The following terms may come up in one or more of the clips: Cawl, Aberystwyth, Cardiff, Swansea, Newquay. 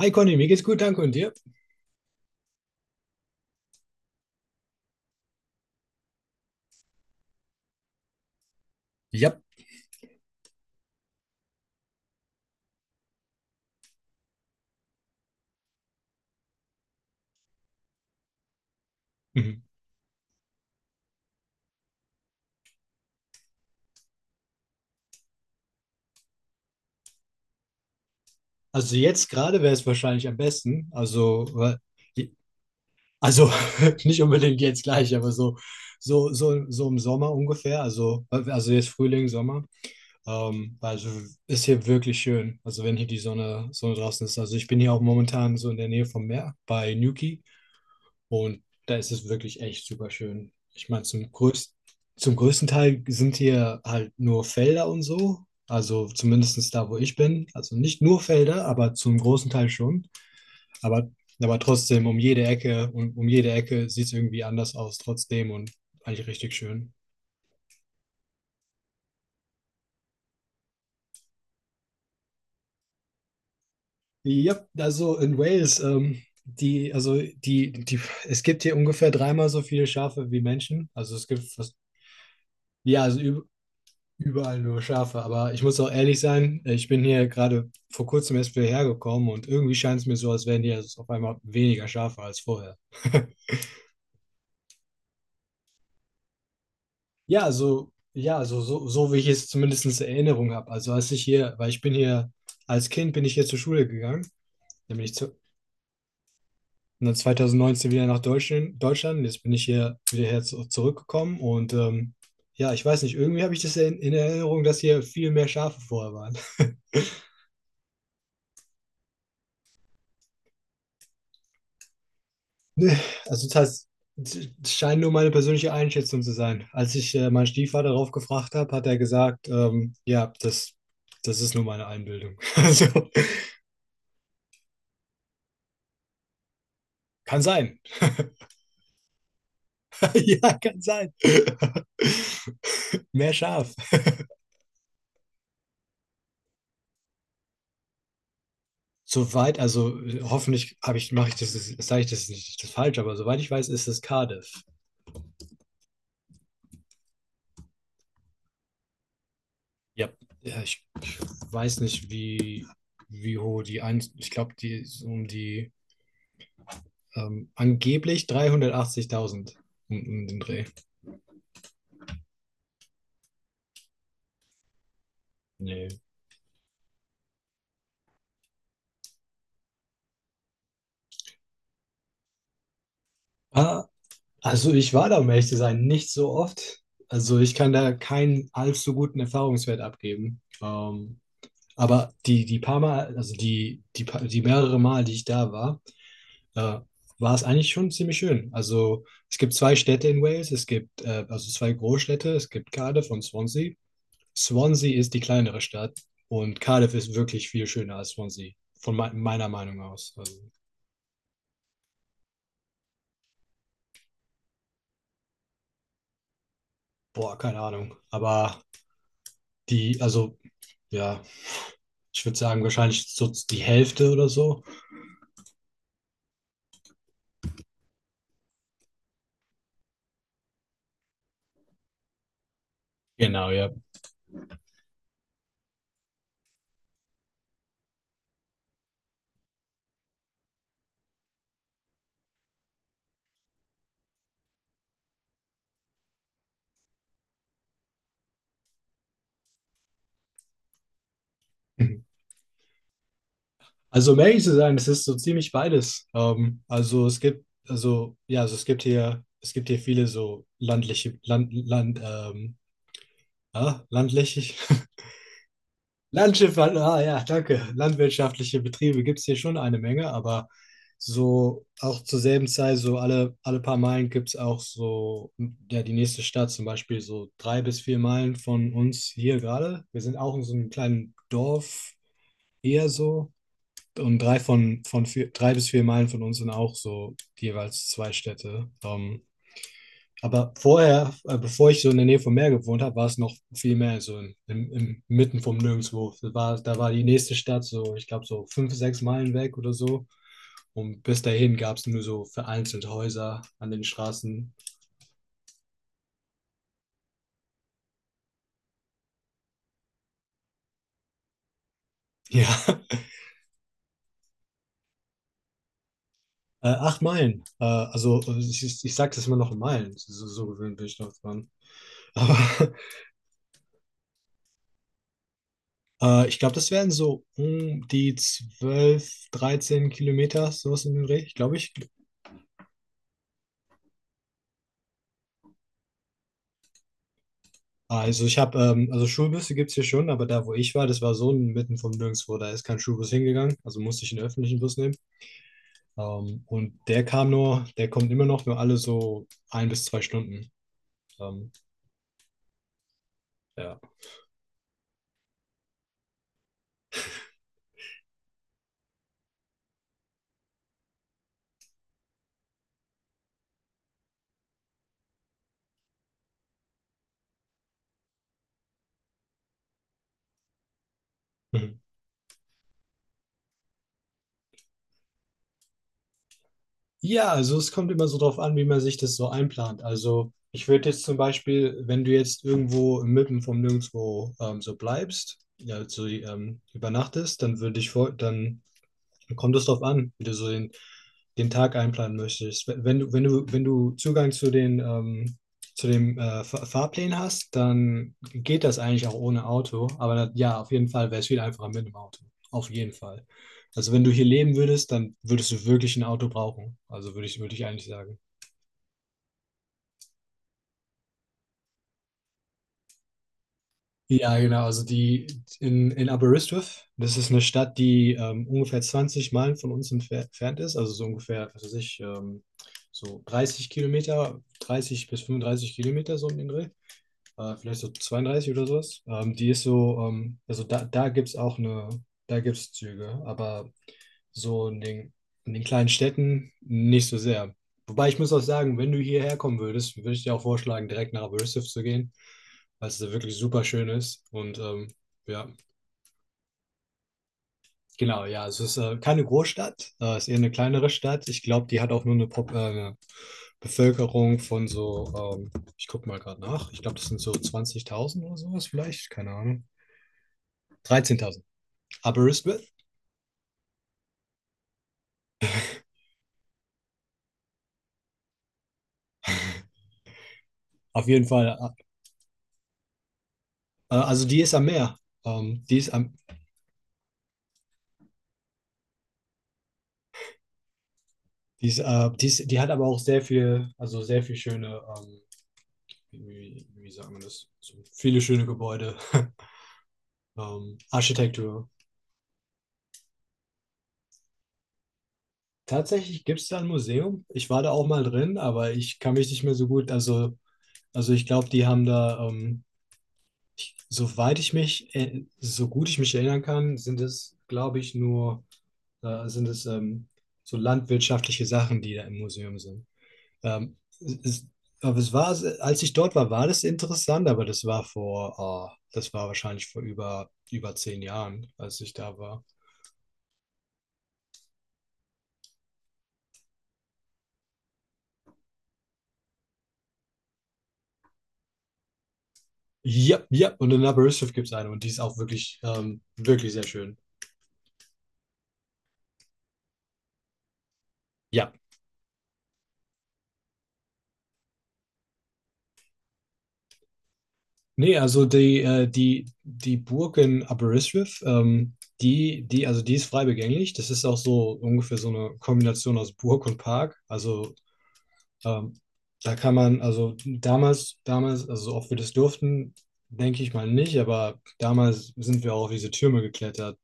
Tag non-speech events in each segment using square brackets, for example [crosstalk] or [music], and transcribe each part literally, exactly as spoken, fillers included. Hi Conny, mir geht's gut, danke und dir? Ja. Mhm. Also jetzt gerade wäre es wahrscheinlich am besten, also, weil- also [laughs] nicht unbedingt jetzt gleich, aber so, so, so, so im Sommer ungefähr, also, also jetzt Frühling, Sommer, ähm, also ist hier wirklich schön, also wenn hier die Sonne, Sonne draußen ist, also ich bin hier auch momentan so in der Nähe vom Meer bei Newquay. Und da ist es wirklich echt super schön. Ich meine, zum größten, zum größten Teil sind hier halt nur Felder und so. Also zumindest da, wo ich bin. Also nicht nur Felder, aber zum großen Teil schon. Aber, aber trotzdem um jede Ecke und um jede Ecke sieht es irgendwie anders aus, trotzdem und eigentlich richtig schön. Ja, also in Wales, ähm, die, also die, die, es gibt hier ungefähr dreimal so viele Schafe wie Menschen. Also es gibt fast, ja, also üb- überall nur Schafe, aber ich muss auch ehrlich sein, ich bin hier gerade vor kurzem erst wieder hergekommen und irgendwie scheint es mir so, als wären hier auf einmal weniger Schafe als vorher. [laughs] Ja, also, ja, also so, so wie ich es zumindest in Erinnerung habe. Also als ich hier, weil ich bin hier, als Kind bin ich hier zur Schule gegangen, dann bin ich zu, und dann zweitausendneunzehn wieder nach Deutschland, Deutschland. Jetzt bin ich hier wieder her zu, zurückgekommen und ähm, ja, ich weiß nicht, irgendwie habe ich das in, in Erinnerung, dass hier viel mehr Schafe vorher waren. Nee. Also das heißt, es scheint nur meine persönliche Einschätzung zu sein. Als ich äh, meinen Stiefvater darauf gefragt habe, hat er gesagt, ähm, ja, das, das ist nur meine Einbildung. [laughs] Also, kann sein. [laughs] Ja, kann sein. [laughs] Mehr Schaf. Soweit, also äh, hoffentlich habe ich, mache ich das, sage ich das nicht das falsch, aber soweit ich weiß, ist es Cardiff. Ja. Ja, ich weiß nicht, wie, wie hoch die ein, ich glaube, die ist um die Ähm, angeblich dreihundertachtzigtausend um, um den Dreh. Nee. Ah, also ich war da, um ehrlich zu sein, nicht so oft. Also ich kann da keinen allzu guten Erfahrungswert abgeben. Ähm, aber die, die paar Mal, also die, die, pa- die mehrere Mal, die ich da war, äh, war es eigentlich schon ziemlich schön. Also es gibt zwei Städte in Wales, es gibt äh, also zwei Großstädte, es gibt Cardiff und Swansea. Swansea ist die kleinere Stadt und Cardiff ist wirklich viel schöner als Swansea, von mei- meiner Meinung aus. Also, boah, keine Ahnung. Aber die, also, ja, ich würde sagen, wahrscheinlich so die Hälfte oder so. Genau, ja. Mhm. Also, um ehrlich zu sein, es ist so ziemlich beides. Ähm, also es gibt, also, ja, also es gibt hier, es gibt hier viele so landliche, land, land, ähm, ah, landläufig, [laughs] Landschiff, ah ja, danke. Landwirtschaftliche Betriebe gibt es hier schon eine Menge, aber so auch zur selben Zeit, so alle, alle paar Meilen gibt es auch so, ja, die nächste Stadt zum Beispiel, so drei bis vier Meilen von uns hier gerade. Wir sind auch in so einem kleinen Dorf eher so. Und drei von, von vier, drei bis vier Meilen von uns sind auch so jeweils zwei Städte. Ähm, aber vorher, äh, bevor ich so in der Nähe vom Meer gewohnt habe, war es noch viel mehr so im, im, im mitten vom Nirgendwo. Da war, da war die nächste Stadt so, ich glaube, so fünf, sechs Meilen weg oder so. Und bis dahin gab es nur so vereinzelt Häuser an den Straßen. Ja. [laughs] Äh, acht Meilen. Äh, also ich, ich ich sag's jetzt mal noch in Meilen. So, so gewöhnt bin ich noch dran. Aber [laughs] äh, ich glaube, das wären so um die zwölf dreizehn Kilometer, sowas in den Dreh, glaube ich. Also ich habe, ähm, also Schulbusse gibt es hier schon, aber da, wo ich war, das war so mitten vom Nirgendwo, da ist kein Schulbus hingegangen, also musste ich einen öffentlichen Bus nehmen. Ähm, und der kam nur, der kommt immer noch nur alle so ein bis zwei Stunden. Ähm, ja. Mhm. Ja, also es kommt immer so drauf an, wie man sich das so einplant. Also ich würde jetzt zum Beispiel, wenn du jetzt irgendwo mitten vom Nirgendwo ähm, so bleibst, ja, so ähm, übernachtest, dann würde ich vor, dann kommt es darauf an, wie du so den, den Tag einplanen möchtest. Wenn wenn du, wenn du, wenn du Zugang zu den, ähm, zu dem äh, Fahr- Fahrplan hast, dann geht das eigentlich auch ohne Auto. Aber da- ja, auf jeden Fall wäre es viel einfacher mit dem Auto. Auf jeden Fall. Also wenn du hier leben würdest, dann würdest du wirklich ein Auto brauchen. Also würde ich, würde ich eigentlich sagen. Ja, genau. Also die in, in Aberystwyth, das ist eine Stadt, die ähm, ungefähr zwanzig Meilen von uns entfer- entfernt ist, also so ungefähr, was weiß ich, ähm, so dreißig Kilometer, dreißig bis fünfunddreißig Kilometer so um den Dreh äh, vielleicht so zweiunddreißig oder sowas. Ähm, die ist so, ähm, also da, da gibt es auch eine, da gibt es Züge, aber so in den, in den kleinen Städten nicht so sehr. Wobei ich muss auch sagen, wenn du hierher kommen würdest, würde ich dir auch vorschlagen, direkt nach Aberystwyth zu gehen, weil es da wirklich super schön ist und ähm, ja. Genau, ja, es ist äh, keine Großstadt, äh, es ist eher eine kleinere Stadt. Ich glaube, die hat auch nur eine, Pop äh, eine Bevölkerung von so, ähm, ich gucke mal gerade nach, ich glaube, das sind so zwanzigtausend oder sowas vielleicht, keine Ahnung. dreizehntausend. Aberystwyth, auf jeden Fall. Äh, äh, also die ist am Meer. Ähm, die ist am, die ist, äh, die ist, die hat aber auch sehr viel, also sehr viel schöne, ähm, wie, wie sagt man das? So viele schöne Gebäude, [laughs] ähm, Architektur. Tatsächlich gibt es da ein Museum. Ich war da auch mal drin, aber ich kann mich nicht mehr so gut. Also, also ich glaube, die haben da, ähm, soweit ich mich, äh, so gut ich mich erinnern kann, sind es, glaube ich, nur, äh, sind es ähm, so landwirtschaftliche Sachen, die da im Museum sind. Ähm, es, es- aber es war, als ich dort war, war das interessant, aber das war vor, ah, das war wahrscheinlich vor über, über zehn Jahren, als ich da war. Ja, ja, und in Aberystwyth gibt es eine und die ist auch wirklich, ähm, wirklich sehr schön. Ja. Nee, also die, äh, die, die Burg in Aberystwyth, ähm, die, die, also die ist frei begänglich. Das ist auch so ungefähr so eine Kombination aus Burg und Park. Also ähm, da kann man, also damals, damals, also ob wir das durften, denke ich mal nicht, aber damals sind wir auch auf diese Türme geklettert.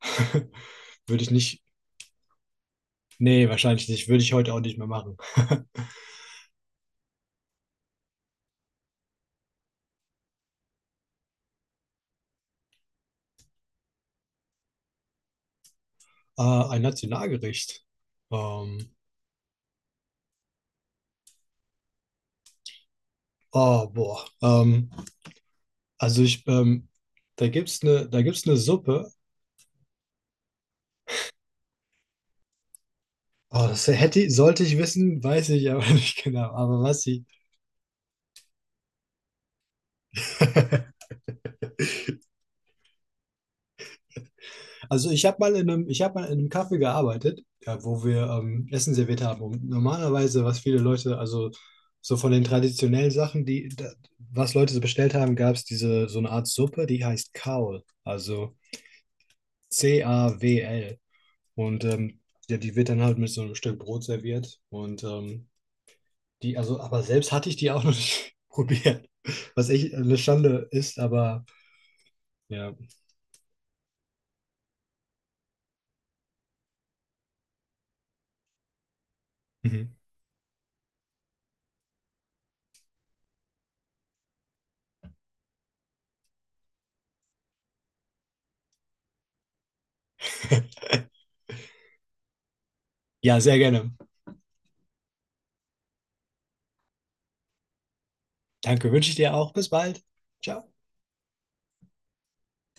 [laughs] Würde ich nicht, nee, wahrscheinlich nicht, würde ich heute auch nicht mehr machen. Äh, ein Nationalgericht. Ähm, oh, boah. Ähm, Also ich, ähm, da gibt's eine, da gibt's eine Suppe. Oh, das hätte, ich- sollte ich wissen, weiß ich aber [laughs] nicht genau. Aber was sie. [laughs] Also ich habe mal in einem, ich habe mal in einem Café gearbeitet, ja, wo wir ähm, Essen serviert haben. Und normalerweise, was viele Leute, also so von den traditionellen Sachen, die, da, was Leute so bestellt haben, gab es diese so eine Art Suppe, die heißt Cawl, also C A W L. Und ähm, ja, die wird dann halt mit so einem Stück Brot serviert. Und ähm, die, also, aber selbst hatte ich die auch noch nicht [laughs] probiert. Was echt eine Schande ist, aber ja. Mhm. [laughs] Ja, sehr gerne. Danke, wünsche ich dir auch. Bis bald. Ciao.